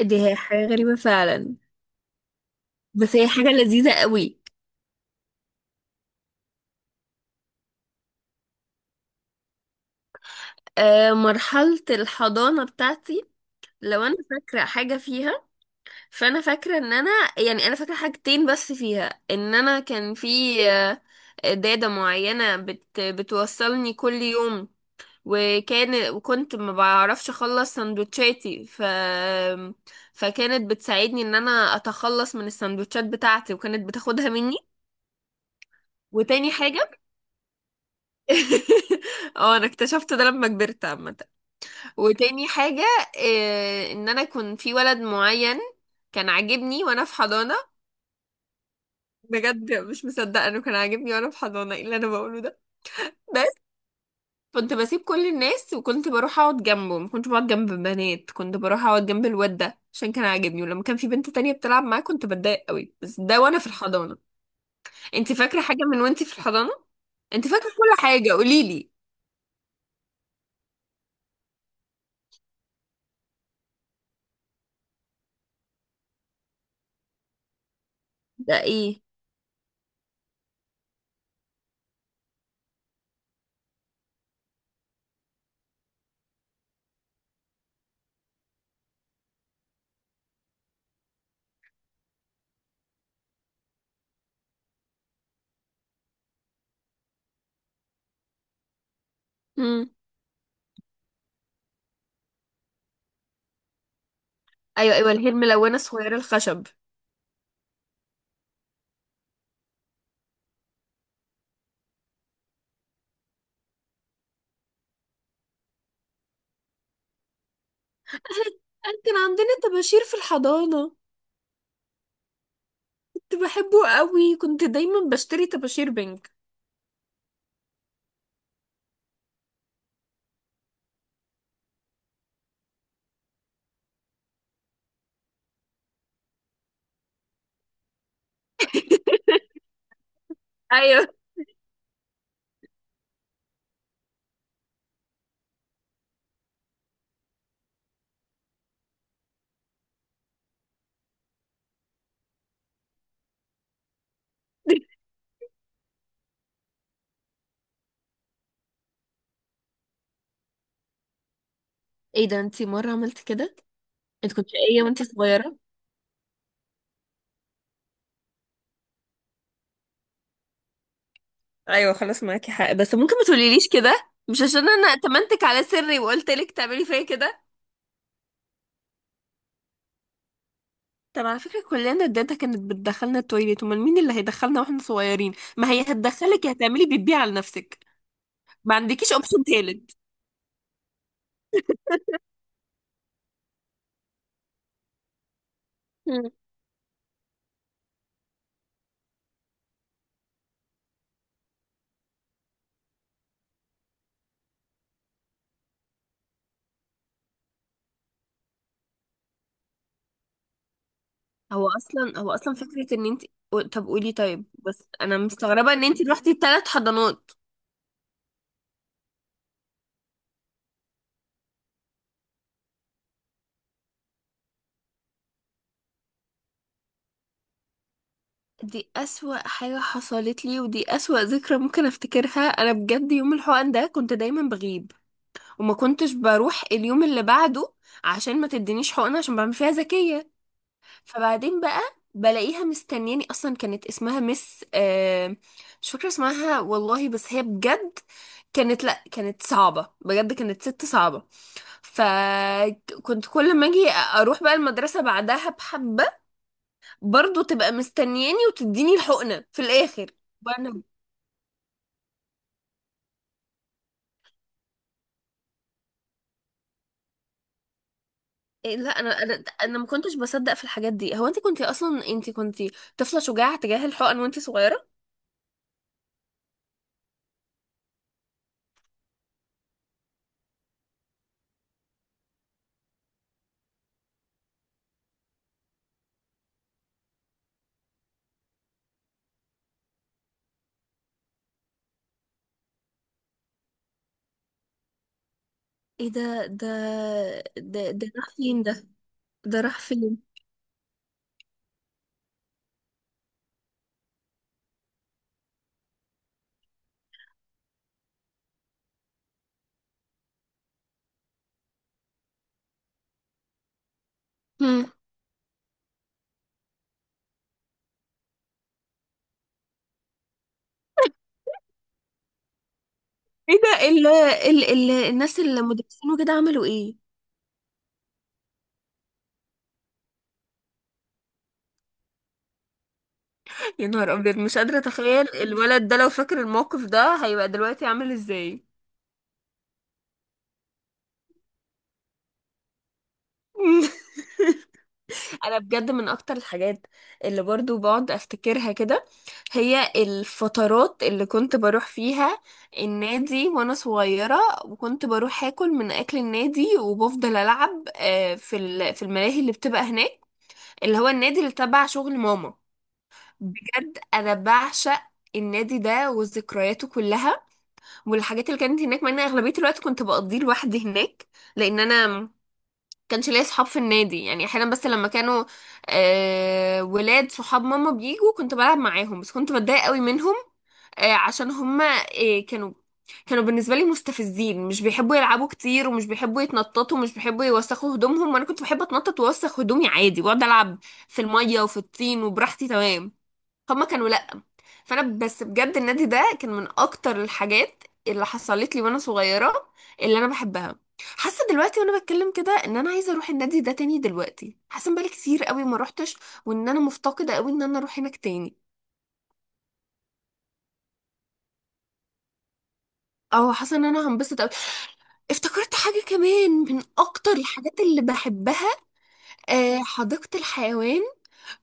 دي هي حاجة غريبة فعلا. بس هي حاجة لذيذة قوي. آه، مرحلة الحضانة بتاعتي، لو انا فاكرة حاجة فيها، فانا فاكرة ان انا، يعني انا فاكرة حاجتين بس فيها. ان انا كان في آه، دادة معينة بتوصلني كل يوم، وكنت ما بعرفش اخلص سندوتشاتي، فكانت بتساعدني ان انا اتخلص من السندوتشات بتاعتي، وكانت بتاخدها مني. وتاني حاجة اه انا اكتشفت ده لما كبرت عامة. وتاني حاجة إيه، ان انا كنت في ولد معين كان عاجبني وانا في حضانة. بجد مش مصدقة انه كان عاجبني وانا في حضانة، ايه اللي انا بقوله ده. بس كنت بسيب كل الناس وكنت بروح اقعد جنبه، ما كنتش بقعد جنب بنات، كنت بروح اقعد جنب الواد ده عشان كان عاجبني، ولما كان في بنت تانية بتلعب معاه كنت بتضايق قوي. بس ده وانا في الحضانة. انت فاكرة حاجة من وانت في الحضانة؟ انت فاكرة كل حاجة، قوليلي. ده ايه؟ ايوه ايوه، اللي هي الملونه الصغيره الخشب. أنا كان عندنا طباشير في الحضانه، كنت بحبه قوي، كنت دايما بشتري طباشير بينك. ايوه. ايه ده، انتي مره عملت كده؟ انت كنت شقيه وانتي صغيره؟ ايوه خلاص، معاكي حق، بس ممكن ما تقوليليش كده، مش عشان انا اتمنتك على سري وقلت لك تعملي فيا كده. طب على فكره، كلنا الداتا كانت بتدخلنا التويليت، امال مين اللي هيدخلنا واحنا صغيرين؟ ما هي هتدخلك، هتعملي بتبيع على نفسك. ما عندكيش اوبشن تالت؟ هو اصلا فكره ان انت، طب قولي. طيب بس انا مستغربه ان انت روحتي 3 حضانات. دي اسوأ حاجه حصلت لي، ودي اسوأ ذكرى ممكن افتكرها انا بجد. يوم الحقن ده كنت دايما بغيب، وما كنتش بروح اليوم اللي بعده عشان ما تدينيش حقنه، عشان بعمل فيها ذكيه. فبعدين بقى بلاقيها مستنياني. اصلا كانت اسمها مس مش فاكره اسمها والله، بس هي بجد كانت، لا كانت صعبه بجد، كانت ست صعبه. فكنت كل ما اجي اروح بقى المدرسة بعدها بحبة، برضو تبقى مستنياني وتديني الحقنة في الاخر. وانا إيه، لا انا ما كنتش بصدق في الحاجات دي. هو انت كنتي طفلة شجاعة تجاه الحقن وانت صغيرة. ايه ده ده راح فين ده؟ ده راح فين؟ هم. ايه ده، ال ال ال الناس المدرسين وكده عملوا ايه؟ يا نهار ابيض، مش قادرة اتخيل الولد ده لو فاكر الموقف ده هيبقى دلوقتي عامل ازاي. انا بجد من اكتر الحاجات اللي برضو بقعد افتكرها كده، هي الفترات اللي كنت بروح فيها النادي وانا صغيرة. وكنت بروح اكل من اكل النادي، وبفضل العب في في الملاهي اللي بتبقى هناك، اللي هو النادي اللي تبع شغل ماما. بجد انا بعشق النادي ده وذكرياته كلها، والحاجات اللي كانت هناك، مع ان اغلبية الوقت كنت بقضيه لوحدي هناك، لان انا كانش ليا صحاب في النادي. يعني احيانا بس لما كانوا ولاد صحاب ماما بيجوا كنت بلعب معاهم، بس كنت بتضايق قوي منهم، عشان هما كانوا بالنسبة لي مستفزين، مش بيحبوا يلعبوا كتير، ومش بيحبوا يتنططوا، ومش بيحبوا يوسخوا هدومهم. وانا كنت بحب اتنطط واوسخ هدومي عادي، واقعد العب في المية وفي الطين وبراحتي تمام. هما كانوا لا. فانا بس بجد النادي ده كان من اكتر الحاجات اللي حصلت لي وانا صغيره، اللي انا بحبها. حاسه دلوقتي وانا بتكلم كده ان انا عايزه اروح النادي ده تاني دلوقتي، حاسه ان بقالي كتير قوي ما روحتش، وان انا مفتقده قوي ان انا اروح هناك تاني. او، حاسه ان انا هنبسط قوي. افتكرت حاجه كمان من اكتر الحاجات اللي بحبها، حديقة الحيوان.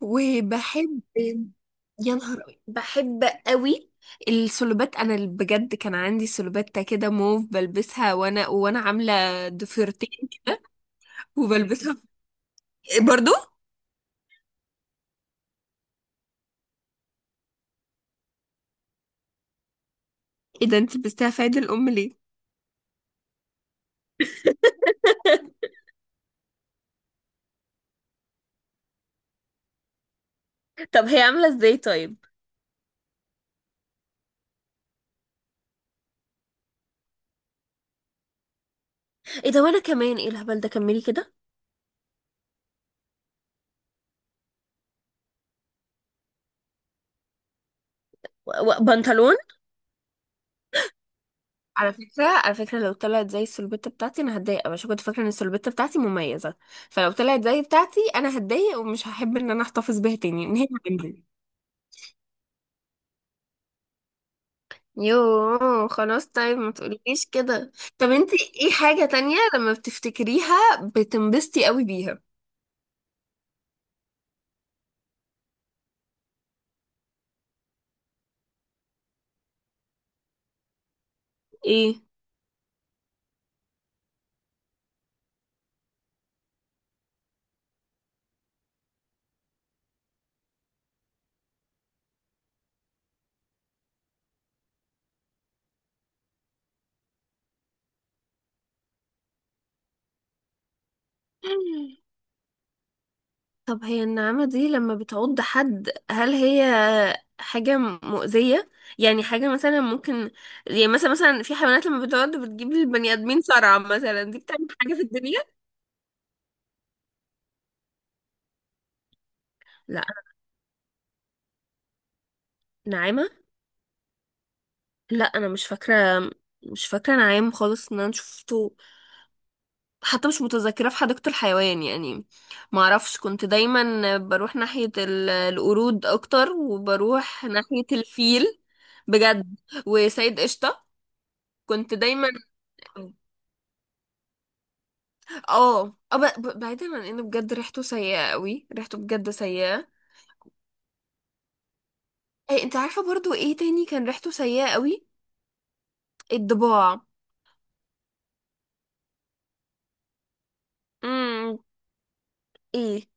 وبحب، يا نهار أوي. بحب قوي السلوبات. انا بجد كان عندي سلوبات كده موف بلبسها، وانا عامله ضفيرتين وبلبسها. إيه برضو؟ ايه ده، انت لبستها في عيد الام ليه؟ طب هي عاملة ازاي طيب؟ ايه ده، وانا كمان، ايه الهبل ده، كملي كده. و- و- بنطلون. على فكرة، على فكرة لو طلعت زي السلبتة بتاعتي أنا هتضايق أوي، عشان كنت فاكرة إن السلبتة بتاعتي مميزة. فلو طلعت زي بتاعتي أنا هتضايق، ومش هحب إن أنا أحتفظ بيها تاني، إن هي عندي. يوه، خلاص طيب ما تقوليليش كده. طب انتي ايه حاجة تانية لما بتفتكريها بتنبسطي قوي بيها؟ ايه؟ طب هي النعامة دي لما بتعض حد، هل هي حاجة مؤذية؟ يعني حاجة مثلا ممكن، يعني مثلا في حيوانات لما بتعض بتجيب للبني آدمين صرع مثلا، دي بتعمل حاجة في الدنيا؟ لا، نعامة؟ لا أنا مش فاكرة، مش فاكرة نعام خالص إن أنا شفته، حتى مش متذكرة في حديقة الحيوان يعني. معرفش، كنت دايما بروح ناحية القرود أكتر، وبروح ناحية الفيل. بجد. وسيد قشطة، كنت دايما، اه بعيدا عن ان بجد ريحته سيئة قوي، ريحته بجد سيئة. ايه انت عارفة برضو ايه تاني كان ريحته سيئة قوي؟ الضباع. امم. ايه؟